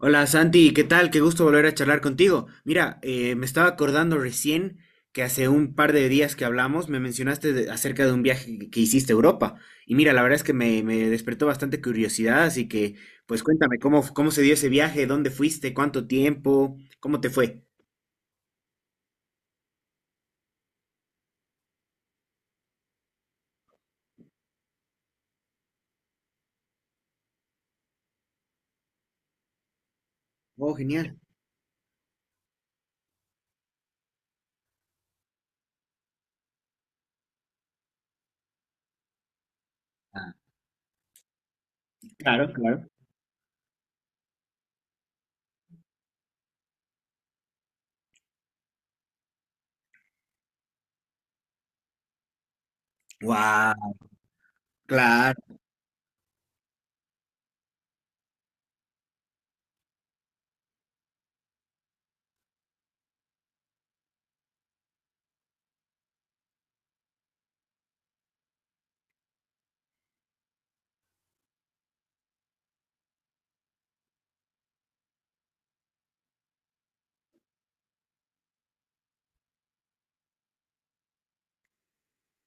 Hola Santi, ¿qué tal? Qué gusto volver a charlar contigo. Mira, me estaba acordando recién que hace un par de días que hablamos me mencionaste acerca de un viaje que hiciste a Europa. Y mira, la verdad es que me despertó bastante curiosidad, así que pues cuéntame cómo se dio ese viaje, dónde fuiste, cuánto tiempo, cómo te fue. Oh, genial. Ah, claro, claro. Wow, claro,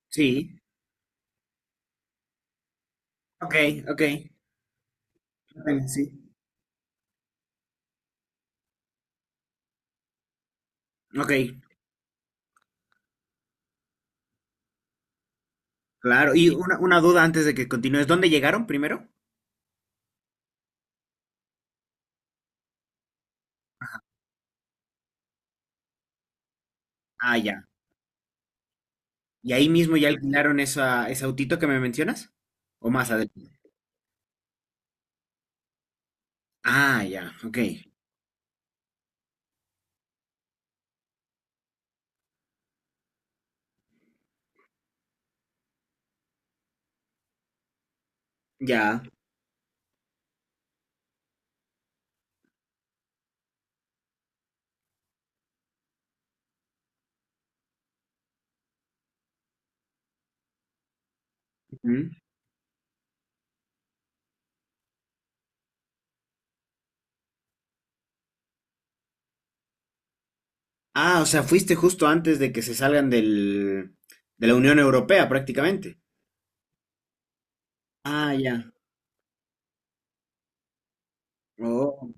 sí. Ok, ok. Sí. Ok, claro. Y una duda antes de que continúes, ¿dónde llegaron primero? Ah, ya. ¿Y ahí mismo ya alquilaron esa, ese autito que me mencionas? ¿O más adelante? Ah, ya, ok. Ya. Ujú. Ah, o sea, fuiste justo antes de que se salgan del, de la Unión Europea prácticamente. Ah, ya. Oh,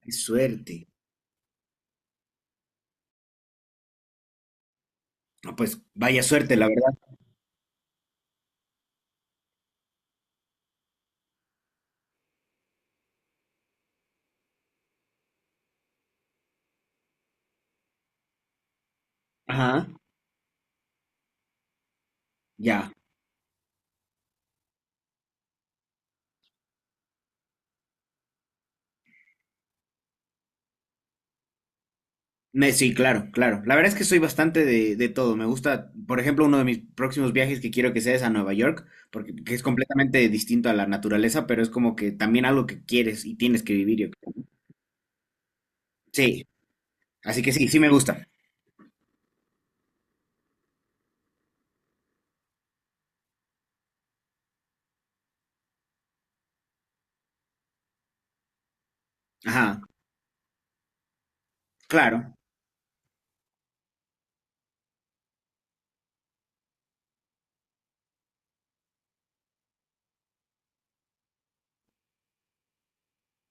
qué suerte. Ah, pues vaya suerte, la verdad. Ajá, ya. Sí, claro, claro. La verdad es que soy bastante de todo. Me gusta, por ejemplo, uno de mis próximos viajes que quiero que sea es a Nueva York, porque que es completamente distinto a la naturaleza, pero es como que también algo que quieres y tienes que vivir. Yo sí, así que sí, sí me gusta. Ajá, claro,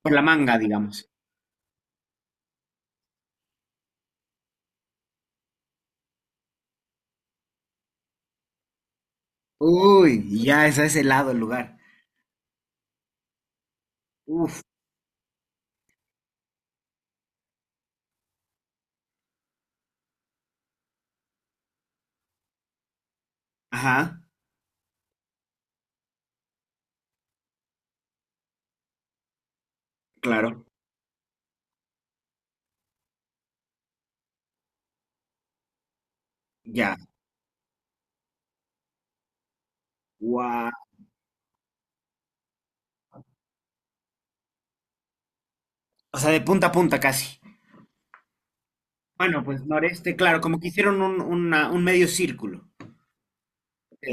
por la manga, digamos. Uy, ya es a ese lado el lugar. Uf, ajá, claro, ya. Guau. O sea, de punta a punta casi. Bueno, pues noreste, claro, como que hicieron un, un medio círculo. Ok.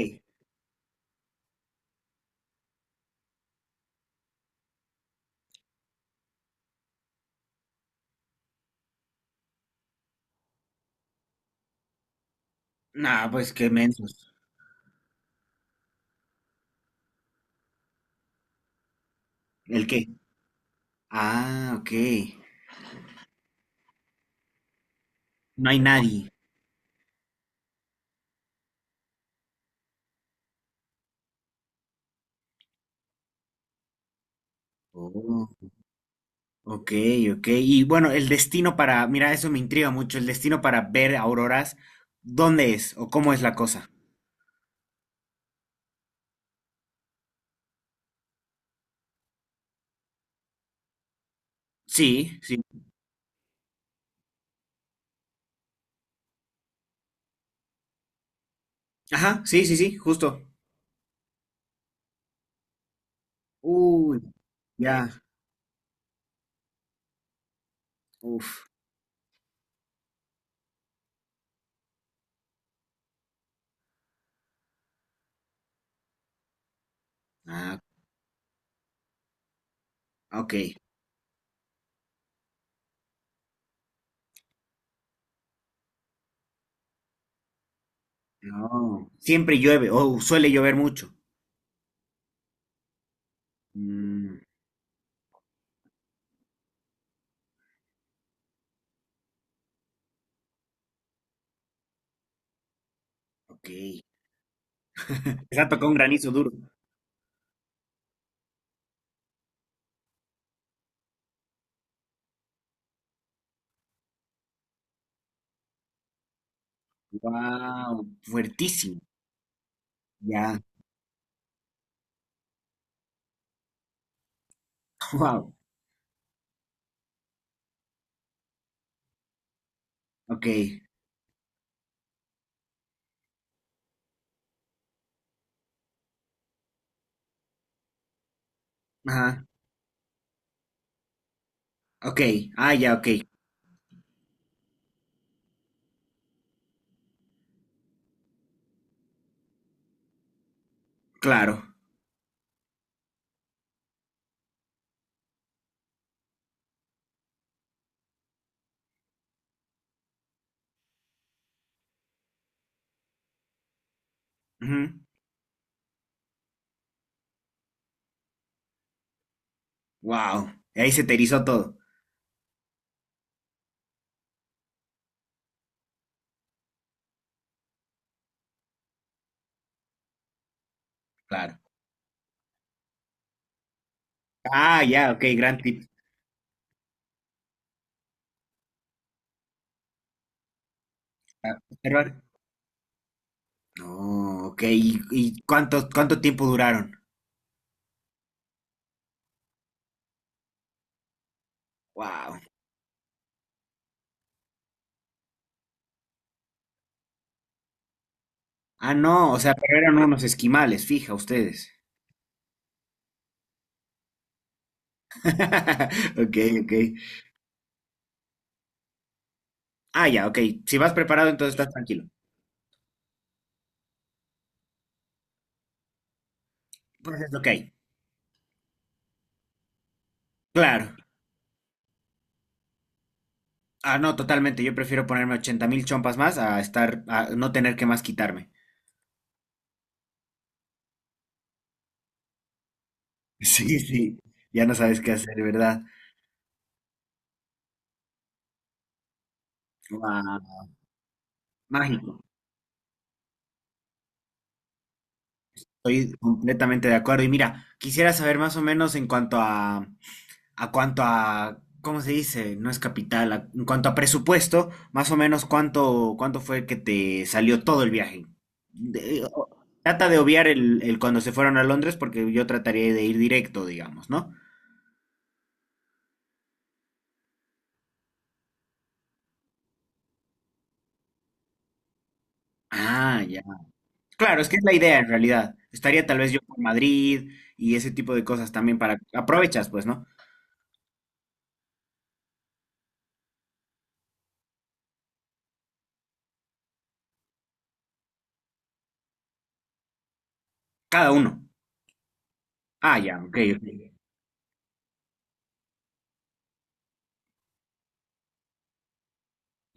Nah, pues qué mensos. ¿El qué? Ah, ok. No hay nadie. Oh, ok, ok. Y bueno, el destino para, mira, eso me intriga mucho, el destino para ver auroras, ¿dónde es o cómo es la cosa? Sí, sí. Ajá, sí, sí, sí, justo. Uy, ya. Uf. Ah, ok. No. Siempre llueve, o suele llover mucho. Mm, ok. Les ha tocado un granizo duro. Wow, fuertísimo. Ya. Wow. Ok. Ajá. Ok. Ah, ya, ok. Claro. Wow. Ahí se te erizó todo. Claro. Ah, ya, ok, gran tip. Ah, observar. No, ok. Y cuánto, cuánto tiempo duraron? Wow. Ah, no, o sea, pero eran unos esquimales, fija ustedes. Ok, ok. Ah, ya, ok. Si vas preparado, entonces estás tranquilo. Pues es lo que hay. Claro. Ah, no, totalmente. Yo prefiero ponerme 80.000 chompas más a estar, a no tener que más quitarme. Sí, sí. Ya no sabes qué hacer, ¿verdad? Guau, mágico. Estoy completamente de acuerdo. Y mira, quisiera saber más o menos en cuanto a ¿cómo se dice? No es capital, en cuanto a presupuesto, más o menos cuánto fue que te salió todo el viaje. De- o- trata de obviar el cuando se fueron a Londres porque yo trataría de ir directo, digamos, ¿no? Ah, ya. Claro, es que es la idea en realidad. Estaría tal vez yo por Madrid y ese tipo de cosas también para... Aprovechas, pues, ¿no? Cada uno. Ah, ya, ok, ok.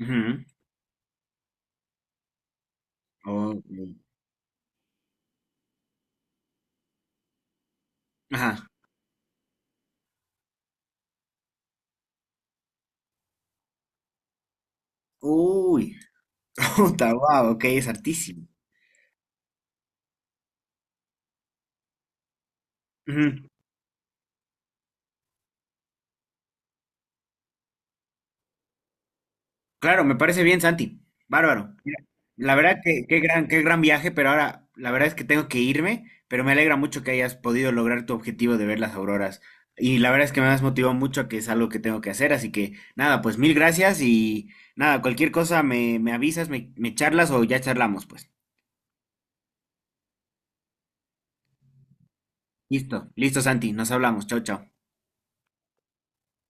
Ujú. Ok. Ajá. Uy, puta, wow, ok, es hartísimo. Ujú. Claro, me parece bien, Santi. Bárbaro. Mira, la verdad que qué gran viaje, pero ahora la verdad es que tengo que irme, pero me alegra mucho que hayas podido lograr tu objetivo de ver las auroras. Y la verdad es que me has motivado mucho a que es algo que tengo que hacer, así que nada, pues mil gracias y nada, cualquier cosa me, me avisas, me charlas o ya charlamos, pues. Listo, listo, Santi, nos hablamos. Chao, chao.